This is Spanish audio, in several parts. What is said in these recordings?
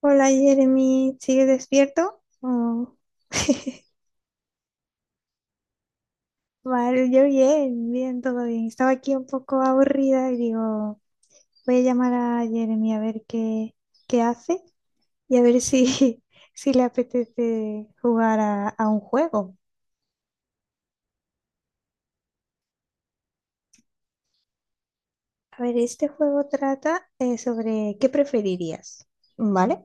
Hola Jeremy, ¿sigues despierto? Oh, vale, yo bien, bien, todo bien. Estaba aquí un poco aburrida y digo, voy a llamar a Jeremy a ver qué, qué hace y a ver si, si le apetece jugar a un juego. A ver, este juego trata sobre qué preferirías, ¿vale?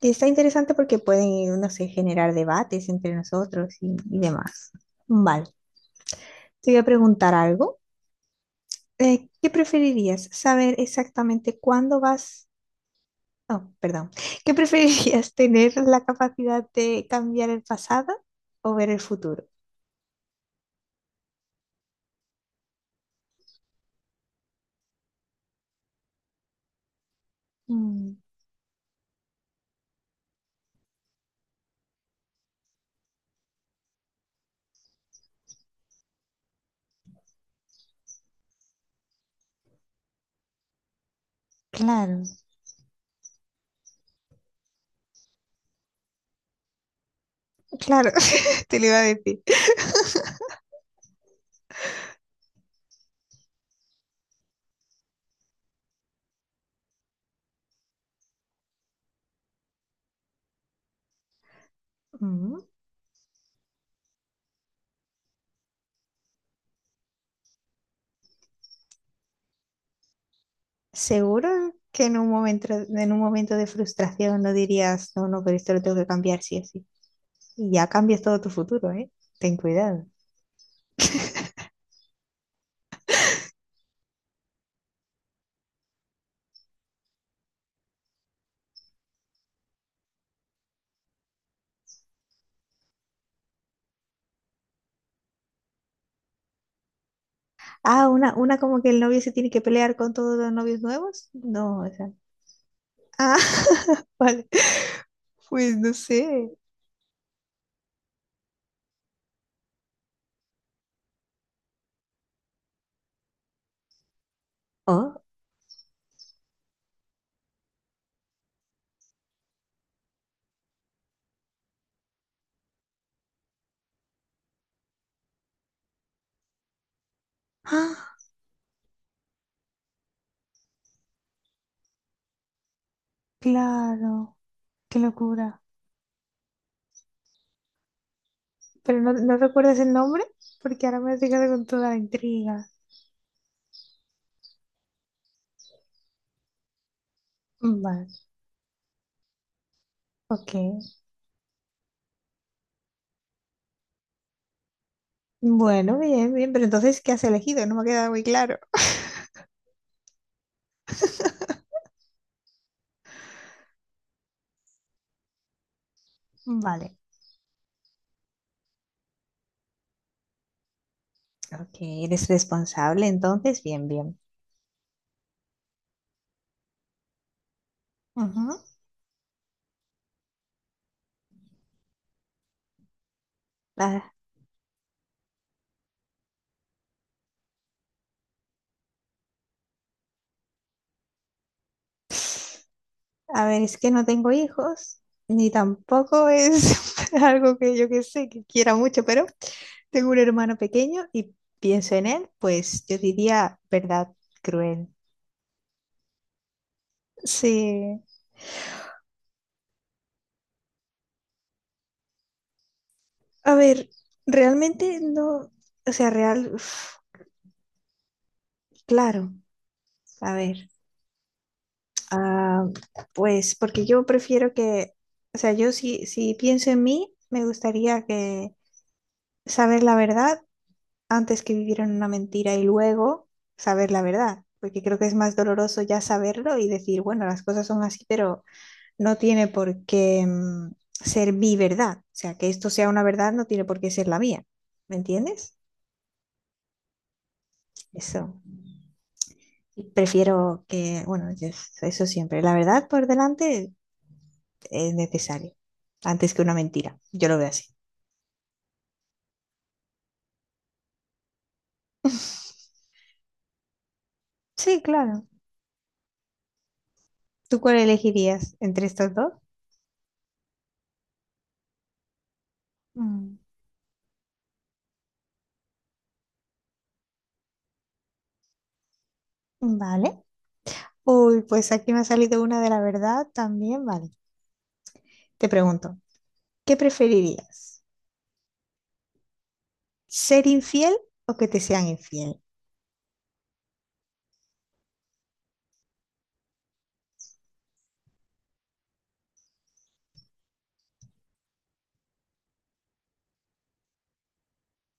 Y está interesante porque pueden, no sé, generar debates entre nosotros y demás. Vale, te voy a preguntar algo. ¿Qué preferirías? ¿Saber exactamente cuándo vas? Oh, perdón. ¿Qué preferirías? ¿Tener la capacidad de cambiar el pasado o ver el futuro? Mm, claro, claro, te lo iba a decir. Mm, ¿seguro que en un momento de frustración no dirías, no, no, pero esto lo tengo que cambiar sí o sí? Y ya cambias todo tu futuro, ¿eh? Ten cuidado. Ah, una como que el novio se tiene que pelear con todos los novios nuevos. No, o sea. Ah, vale. Pues no sé. Oh, ah, claro. Qué locura. Pero no, no recuerdas el nombre porque ahora me has dejado con toda la intriga. Vale, ok. Bueno, bien, bien. Pero entonces, ¿qué has elegido? No me ha quedado muy claro. Vale. Ok, eres responsable, entonces, bien, bien. Ujú. Ah, a ver, es que no tengo hijos, ni tampoco es algo que yo que sé, que quiera mucho, pero tengo un hermano pequeño y pienso en él, pues yo diría verdad cruel. Sí. A ver, realmente no, o sea, real, uf, claro, a ver, ah, pues porque yo prefiero que, o sea, yo si, si pienso en mí, me gustaría que saber la verdad antes que vivir en una mentira y luego saber la verdad, porque creo que es más doloroso ya saberlo y decir, bueno, las cosas son así, pero no tiene por qué ser mi verdad. O sea, que esto sea una verdad no tiene por qué ser la mía. ¿Me entiendes? Eso. Prefiero que, bueno, eso siempre. La verdad por delante es necesario, antes que una mentira. Yo lo veo así. Sí, claro. ¿Tú cuál elegirías entre estos dos? Mm, vale. Uy, pues aquí me ha salido una de la verdad también, vale. Te pregunto, ¿qué preferirías? ¿Ser infiel o que te sean infiel?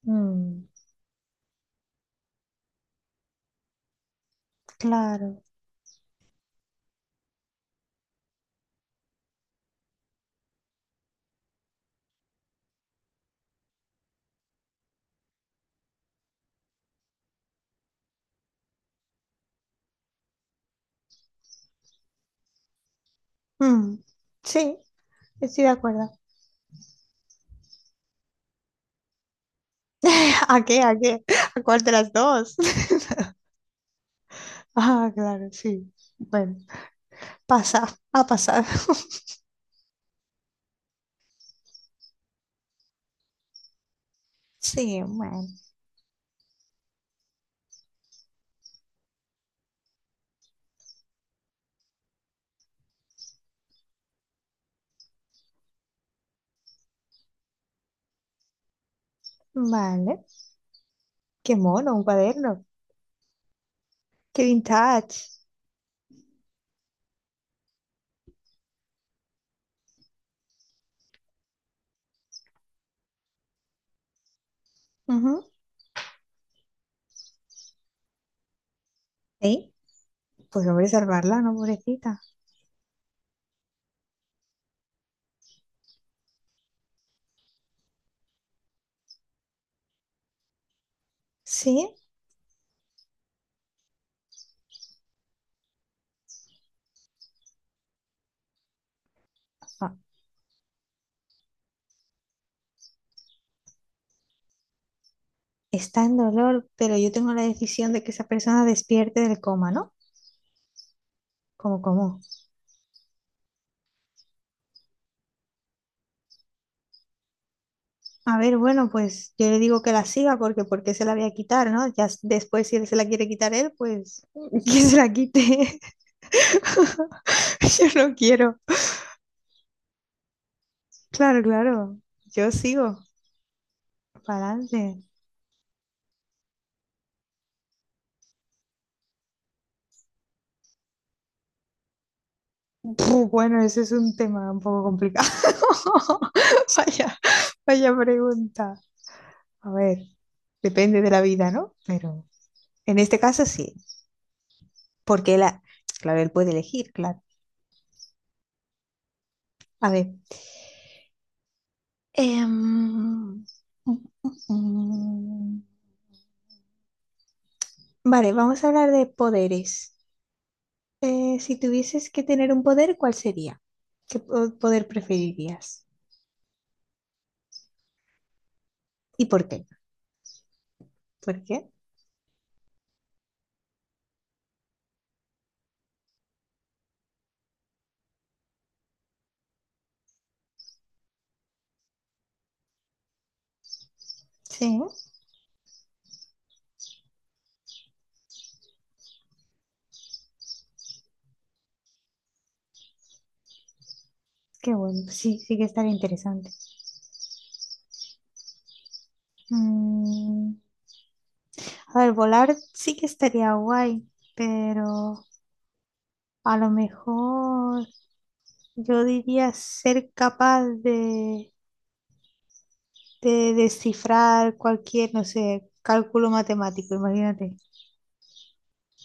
Mm, claro. Mm, sí, estoy de acuerdo. ¿A qué? ¿A qué? ¿A cuál de las dos? Ah, claro, sí. Bueno, pasa, ha pasado. Sí, bueno. Vale. Qué mono, un cuaderno. Qué vintage. Ujú. Sí, pues hombre, salvarla, ¿no, pobrecita? Sí, ah, está en dolor, pero yo tengo la decisión de que esa persona despierte del coma, ¿no? ¿Cómo, cómo? A ver, bueno, pues yo le digo que la siga porque ¿por qué se la voy a quitar, ¿no? Ya después si él se la quiere quitar él, pues que se la quite. Yo no quiero. Claro, claro. Yo sigo. Para adelante. Puh, bueno, ese es un tema un poco complicado. Vaya, vaya pregunta. A ver, depende de la vida, ¿no? Pero en este caso sí, porque claro, él puede elegir, claro. A ver. Em, mm, mm, mm. Vale, vamos a hablar de poderes. Si tuvieses que tener un poder, ¿cuál sería? ¿Qué poder preferirías? ¿Y por qué? ¿Por qué? Sí, qué bueno, sí, sí que estaría interesante. Mm, a ver, volar sí que estaría guay, pero a lo mejor yo diría ser capaz de descifrar cualquier, no sé, cálculo matemático, imagínate.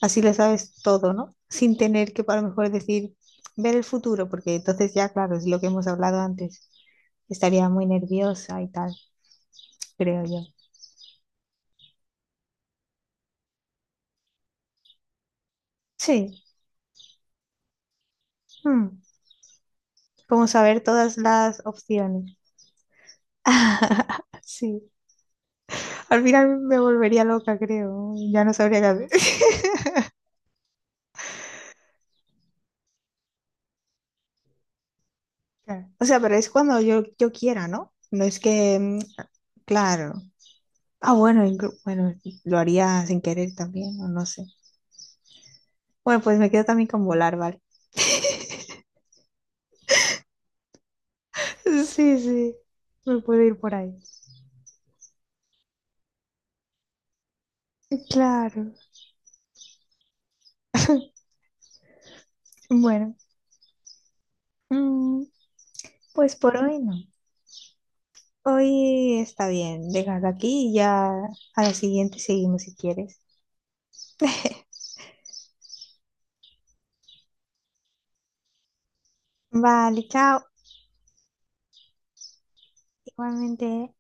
Así le sabes todo, ¿no? Sin tener que a lo mejor decir, ver el futuro, porque entonces ya, claro, es lo que hemos hablado antes. Estaría muy nerviosa y tal, creo yo. Sí, mm, vamos a ver todas las opciones. Sí, al final me volvería loca, creo. Ya no sabría qué hacer. Claro. O sea, pero es cuando yo quiera, ¿no? No es que, claro. Ah, bueno, bueno, lo haría sin querer también, o no sé. Bueno, pues me quedo también con volar, ¿vale? Sí, sí, me puedo ir por ahí. Claro. Bueno, mm, pues por hoy no. Hoy está bien, déjalo aquí y ya a la siguiente seguimos si quieres. Vale, chao. Igualmente. ¿Eh?